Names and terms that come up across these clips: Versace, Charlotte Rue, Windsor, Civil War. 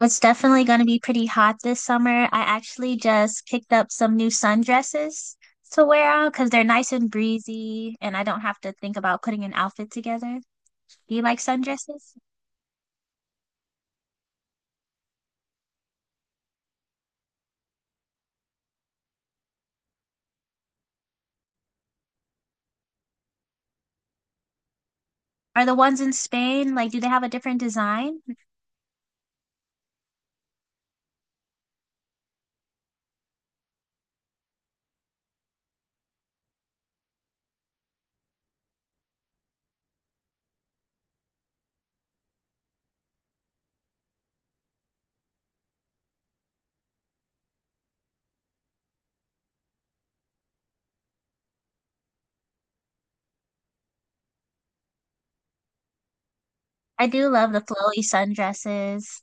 It's definitely going to be pretty hot this summer. I actually just picked up some new sundresses to wear out because they're nice and breezy, and I don't have to think about putting an outfit together. Do you like sundresses? Are the ones in Spain, like, do they have a different design? I do love the flowy sundresses.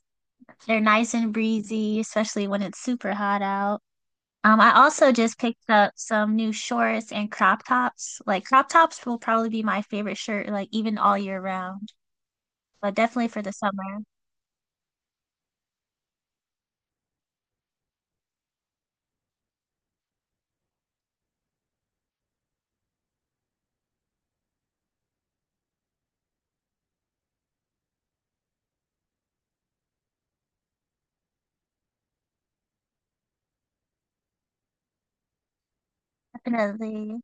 They're nice and breezy, especially when it's super hot out. I also just picked up some new shorts and crop tops. Like, crop tops will probably be my favorite shirt, like, even all year round, but definitely for the summer. The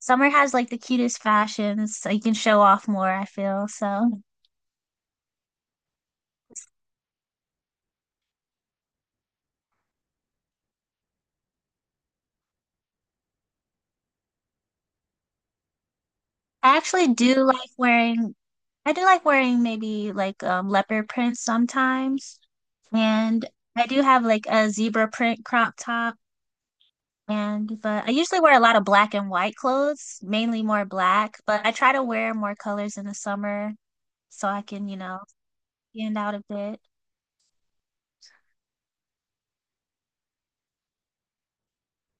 summer has like the cutest fashions, so you can show off more, I feel. So I actually do like I do like wearing maybe like leopard print sometimes. And I do have like a zebra print crop top. And but I usually wear a lot of black and white clothes, mainly more black, but I try to wear more colors in the summer so I can, you know, stand out a bit.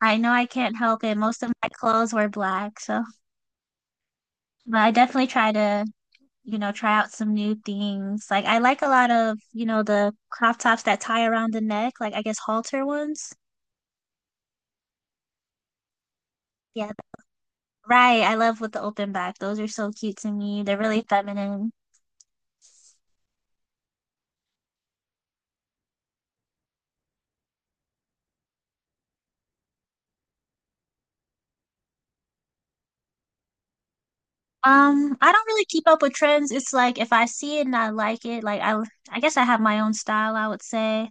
I know I can't help it. Most of my clothes were black, so but I definitely try to you know, try out some new things. Like I like a lot of, you know, the crop tops that tie around the neck, like I guess halter ones. Yeah, right. I love with the open back. Those are so cute to me. They're really feminine. I don't really keep up with trends. It's like if I see it and I like it, like I guess I have my own style, I would say.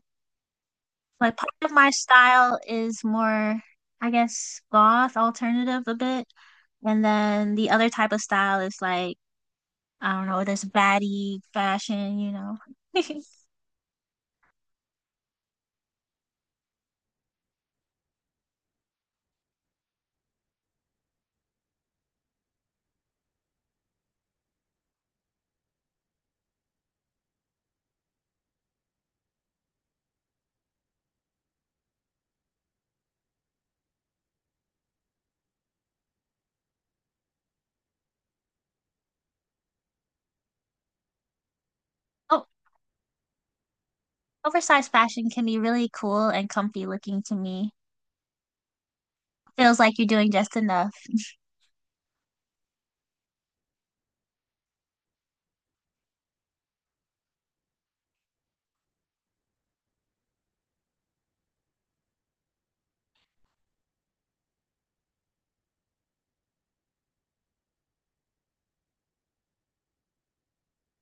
Like part of my style is more, I guess, goth alternative a bit. And then the other type of style is like I don't know, this baddie fashion, you know. Oh, oversized fashion can be really cool and comfy looking to me. Feels like you're doing just enough.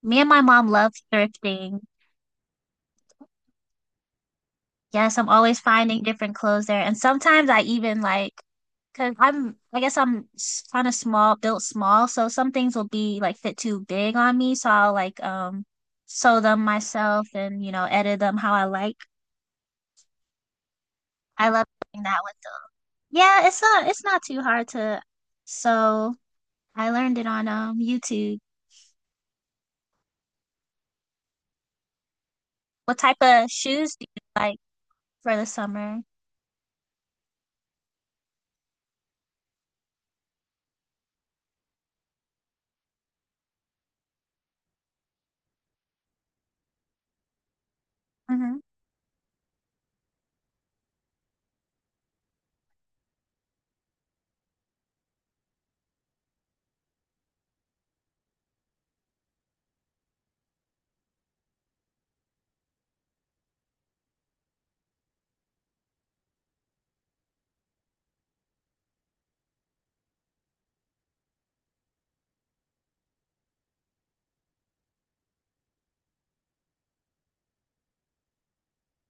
Me and my mom love thrifting. Yes, I'm always finding different clothes there. And sometimes I even like, cause I'm, I guess I'm kind of small, built small. So some things will be like fit too big on me. So I'll like, sew them myself and, you know, edit them how I like. I love doing that with the yeah, it's not too hard to. So I learned it on YouTube. What type of shoes do you like for the summer? Hmm.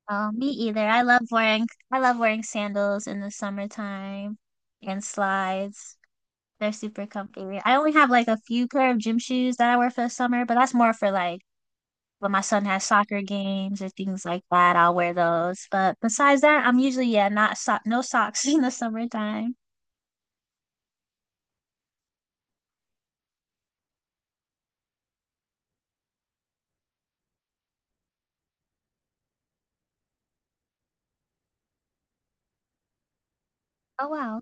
Oh, me either. I love wearing sandals in the summertime and slides. They're super comfy. I only have like a few pair of gym shoes that I wear for the summer, but that's more for like when my son has soccer games or things like that. I'll wear those. But besides that, I'm usually yeah, not so no socks in the summertime. Oh wow.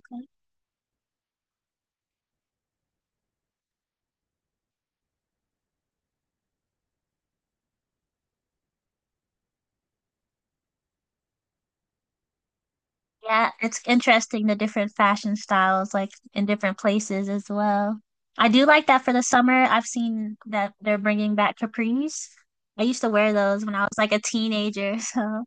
Yeah, it's interesting the different fashion styles like in different places as well. I do like that for the summer. I've seen that they're bringing back capris. I used to wear those when I was like a teenager. So,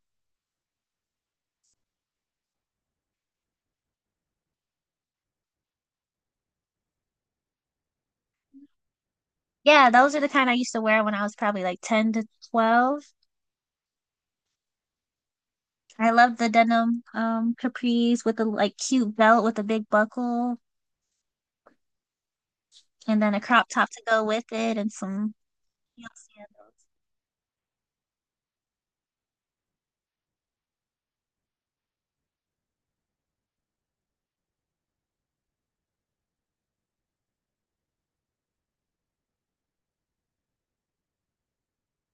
yeah, those are the kind I used to wear when I was probably like 10 to 12. I love the denim capris with a like cute belt with a big buckle and then a crop top to go with it and some heels.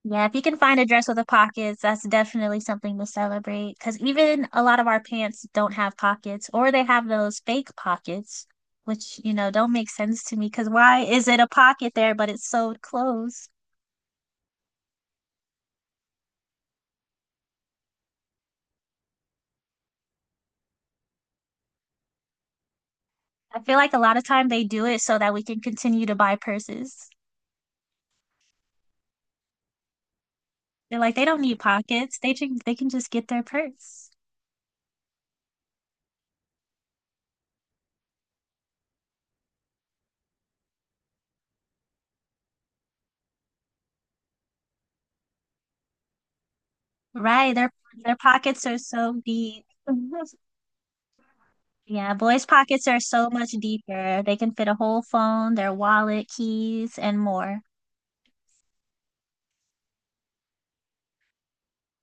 Yeah, if you can find a dress with a pockets, that's definitely something to celebrate. Because even a lot of our pants don't have pockets, or they have those fake pockets, which, you know, don't make sense to me. Because why is it a pocket there, but it's sewed closed? I feel like a lot of time they do it so that we can continue to buy purses. They're like, they don't need pockets. They can just get their purse. Right. Their pockets are so deep. Yeah, boys' pockets are so much deeper. They can fit a whole phone, their wallet, keys, and more.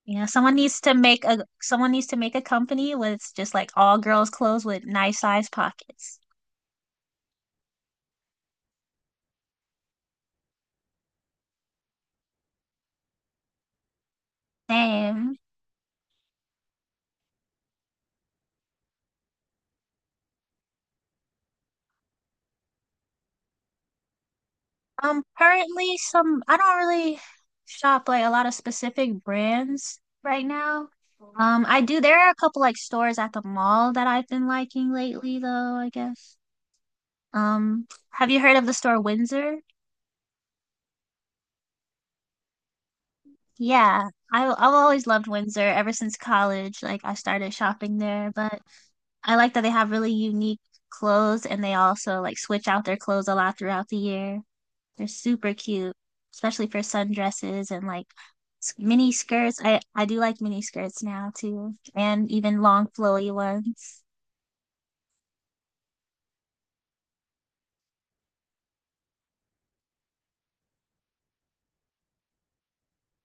You know, someone needs to make a someone needs to make a company with just like all girls' clothes with nice size pockets. Same. Currently some I don't really shop like a lot of specific brands right now. I do there are a couple like stores at the mall that I've been liking lately though, I guess. Have you heard of the store Windsor? Yeah, I've always loved Windsor ever since college. Like I started shopping there, but I like that they have really unique clothes and they also like switch out their clothes a lot throughout the year. They're super cute, especially for sundresses and like mini skirts. I do like mini skirts now too, and even long flowy ones.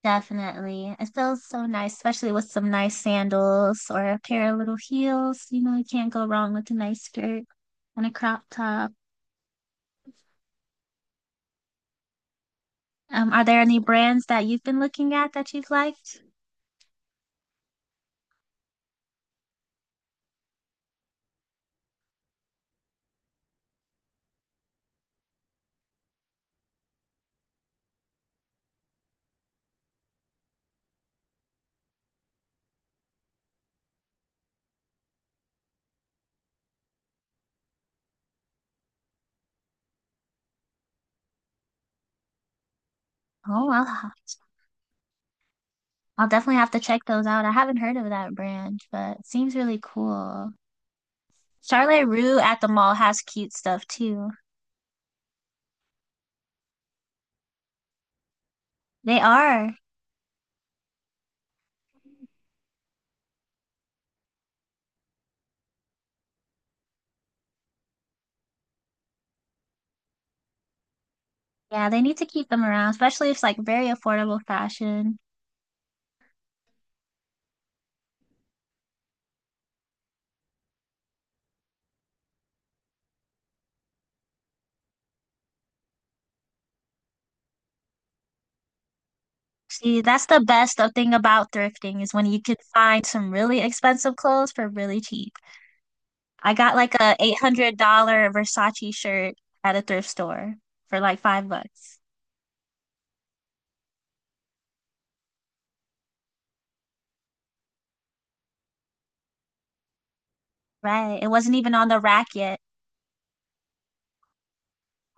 Definitely. It feels so nice, especially with some nice sandals or a pair of little heels. You know, you can't go wrong with a nice skirt and a crop top. Are there any brands that you've been looking at that you've liked? Oh, I'll ha- I'll definitely have to check those out. I haven't heard of that brand, but it seems really cool. Charlotte Rue at the mall has cute stuff too. They are. Yeah, they need to keep them around, especially if it's like very affordable fashion. See, that's the best of thing about thrifting is when you can find some really expensive clothes for really cheap. I got like a $800 Versace shirt at a thrift store for like $5. Right. It wasn't even on the rack yet.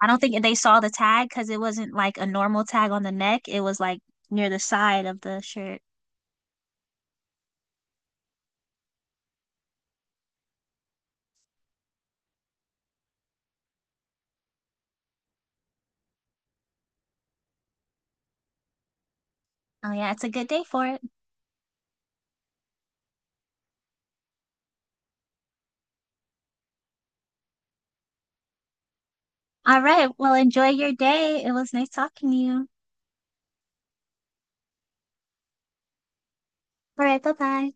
I don't think they saw the tag because it wasn't like a normal tag on the neck. It was like near the side of the shirt. Oh, yeah. It's a good day for it. All right. Well, enjoy your day. It was nice talking to you. All right. Bye bye.